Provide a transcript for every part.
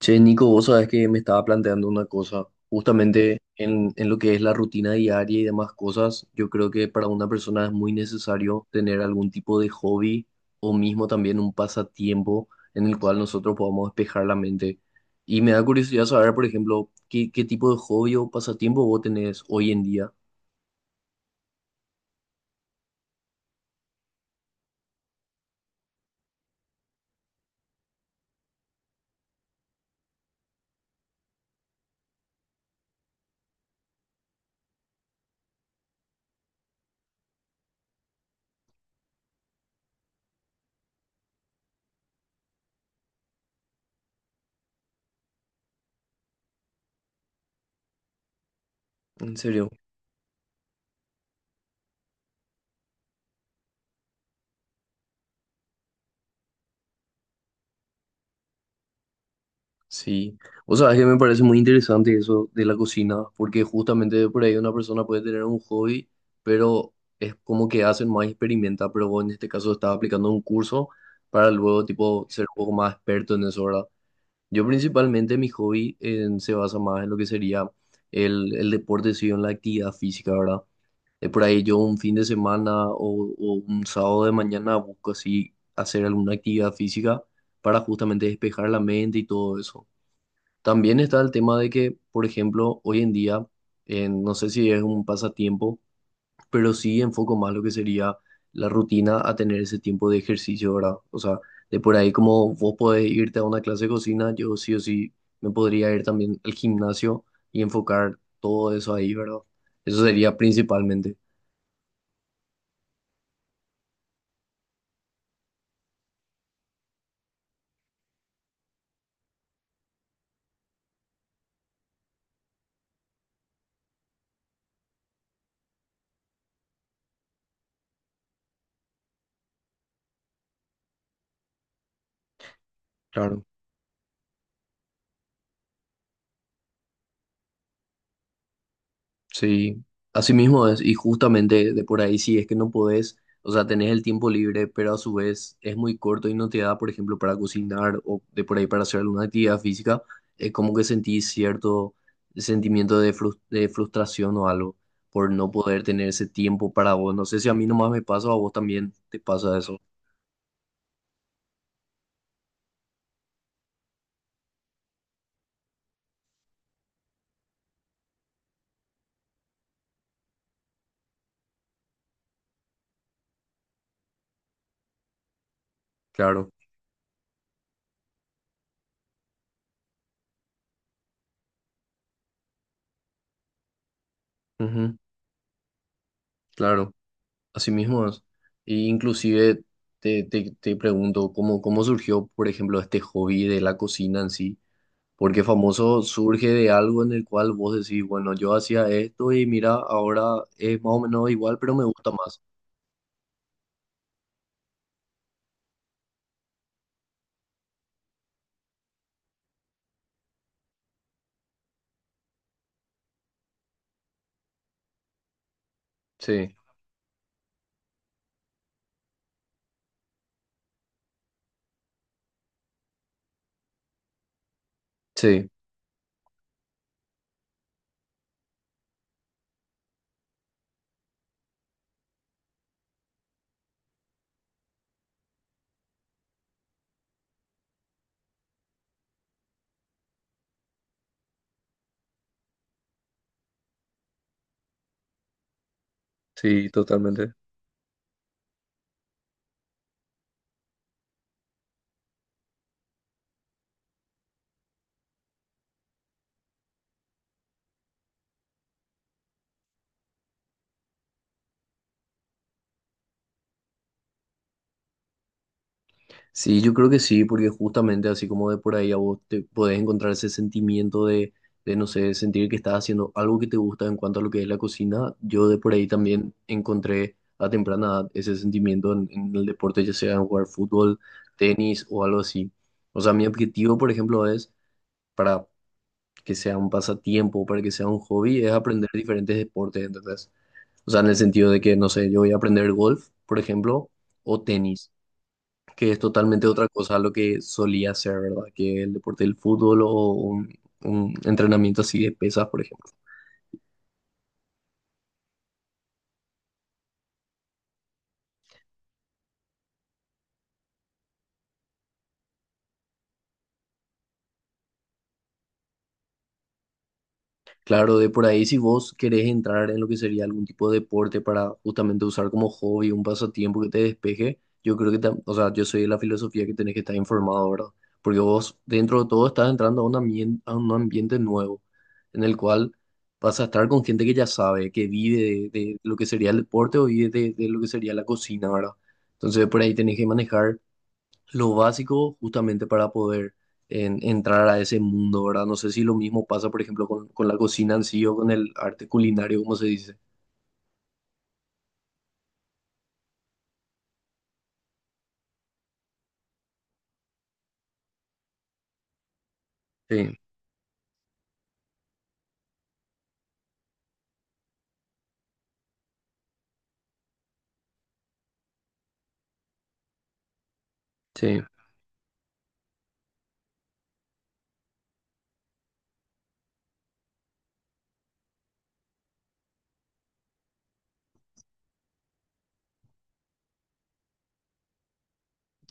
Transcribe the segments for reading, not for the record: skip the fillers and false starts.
Che, Nico, vos sabés que me estaba planteando una cosa, justamente en lo que es la rutina diaria y demás cosas, yo creo que para una persona es muy necesario tener algún tipo de hobby o mismo también un pasatiempo en el cual nosotros podamos despejar la mente. Y me da curiosidad saber, por ejemplo, qué tipo de hobby o pasatiempo vos tenés hoy en día. En serio. Sí, o sea, es que me parece muy interesante eso de la cocina, porque justamente por ahí una persona puede tener un hobby, pero es como que hacen más experimenta, pero vos en este caso estás aplicando un curso para luego tipo ser un poco más experto en eso, ¿verdad? Yo principalmente mi hobby se basa más en lo que sería el deporte, sí, en la actividad física, ¿verdad? Por ahí yo un fin de semana o un sábado de mañana busco así hacer alguna actividad física para justamente despejar la mente y todo eso. También está el tema de que, por ejemplo, hoy en día, no sé si es un pasatiempo, pero sí enfoco más lo que sería la rutina a tener ese tiempo de ejercicio, ¿verdad? O sea, de por ahí como vos podés irte a una clase de cocina, yo sí o sí me podría ir también al gimnasio y enfocar todo eso ahí, ¿verdad? Eso sería principalmente, claro. Sí, así mismo es, y justamente de por ahí sí es que no podés, o sea, tenés el tiempo libre, pero a su vez es muy corto y no te da, por ejemplo, para cocinar o de por ahí para hacer alguna actividad física, es como que sentís cierto sentimiento de, de frustración o algo por no poder tener ese tiempo para vos. No sé si a mí nomás me pasa o a vos también te pasa eso. Claro, ujú, claro, así mismo es. Y inclusive te pregunto, ¿cómo surgió, por ejemplo, este hobby de la cocina en sí? Porque famoso surge de algo en el cual vos decís, bueno, yo hacía esto y mira, ahora es más o menos igual, pero me gusta más. Sí, sí, sí, totalmente. Sí, yo creo que sí, porque justamente así como de por ahí a vos te podés encontrar ese sentimiento de, no sé, sentir que estás haciendo algo que te gusta en cuanto a lo que es la cocina, yo de por ahí también encontré a temprana edad ese sentimiento en el deporte, ya sea en jugar fútbol, tenis o algo así. O sea, mi objetivo, por ejemplo, es para que sea un pasatiempo, para que sea un hobby, es aprender diferentes deportes, ¿entendés? O sea, en el sentido de que, no sé, yo voy a aprender golf, por ejemplo, o tenis, que es totalmente otra cosa a lo que solía hacer, ¿verdad? Que el deporte del fútbol o un entrenamiento así de pesas, por ejemplo. Claro, de por ahí si vos querés entrar en lo que sería algún tipo de deporte para justamente usar como hobby, un pasatiempo que te despeje, yo creo que, o sea, yo soy de la filosofía que tenés que estar informado, ¿verdad? Porque vos dentro de todo estás entrando a un ambiente nuevo, en el cual vas a estar con gente que ya sabe, que vive de lo que sería el deporte o vive de lo que sería la cocina, ¿verdad? Entonces por ahí tenés que manejar lo básico justamente para poder entrar a ese mundo, ¿verdad? No sé si lo mismo pasa, por ejemplo, con la cocina en sí o con el arte culinario, como se dice. Sí, sí.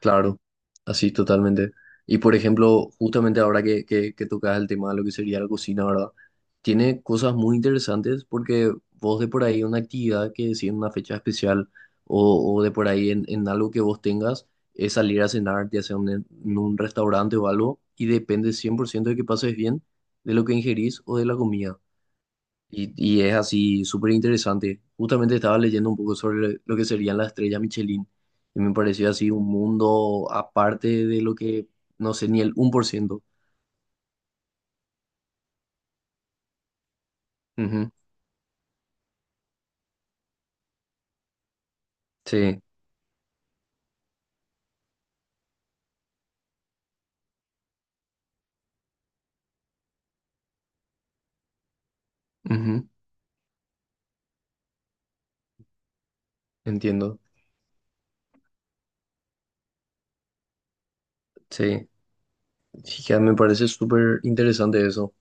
Claro, así totalmente. Y por ejemplo, justamente ahora que, que tocas el tema de lo que sería la cocina, ¿verdad? Tiene cosas muy interesantes porque vos de por ahí una actividad que si en una fecha especial o de por ahí en algo que vos tengas es salir a cenar, ya sea en un restaurante o algo, y depende 100% de que pases bien, de lo que ingerís o de la comida. Y es así súper interesante. Justamente estaba leyendo un poco sobre lo que serían las estrellas Michelin y me pareció así un mundo aparte de lo que, no sé, ni el 1%. Ujú, sí, ujú, entiendo. Sí, sí, ya me parece súper interesante eso.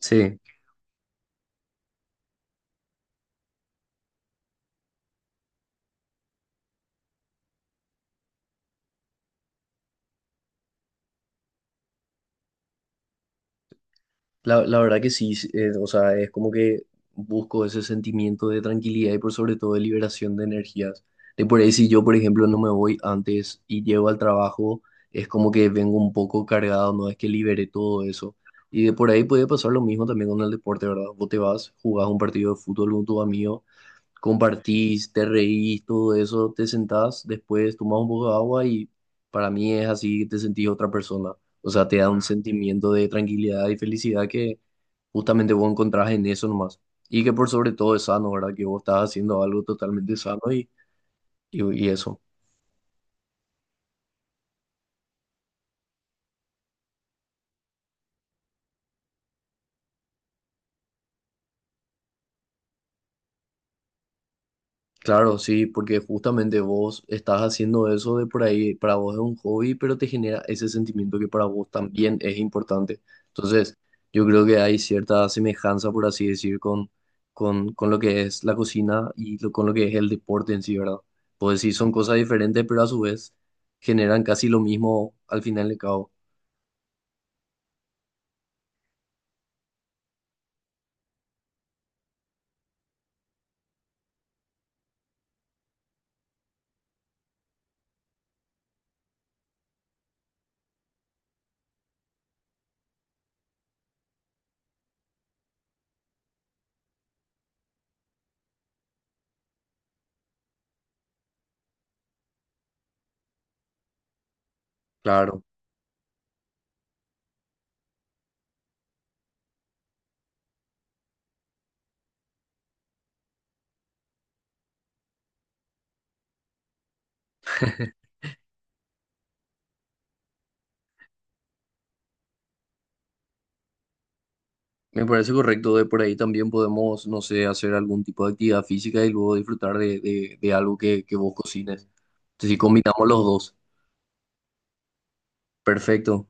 Sí. La verdad que sí, sí, o sea, es como que busco ese sentimiento de tranquilidad y por sobre todo de liberación de energías. De por ahí si yo, por ejemplo, no me voy antes y llego al trabajo, es como que vengo un poco cargado, no es que libere todo eso. Y de por ahí puede pasar lo mismo también con el deporte, ¿verdad? Vos te vas, jugás un partido de fútbol con tu amigo compartís, te reís, todo eso, te sentás, después tomás un poco de agua y para mí es así que te sentís otra persona. O sea, te da un sentimiento de tranquilidad y felicidad que justamente vos encontrás en eso nomás. Y que por sobre todo es sano, ¿verdad? Que vos estás haciendo algo totalmente sano y eso. Claro, sí, porque justamente vos estás haciendo eso de por ahí, para vos es un hobby, pero te genera ese sentimiento que para vos también es importante. Entonces, yo creo que hay cierta semejanza, por así decir, con lo que es la cocina y con lo que es el deporte en sí, ¿verdad? Pues sí, son cosas diferentes, pero a su vez generan casi lo mismo al final de cabo. Claro. Me parece correcto, de por ahí también podemos, no sé, hacer algún tipo de actividad física y luego disfrutar de, de algo que vos cocines. Entonces, si combinamos los dos, perfecto.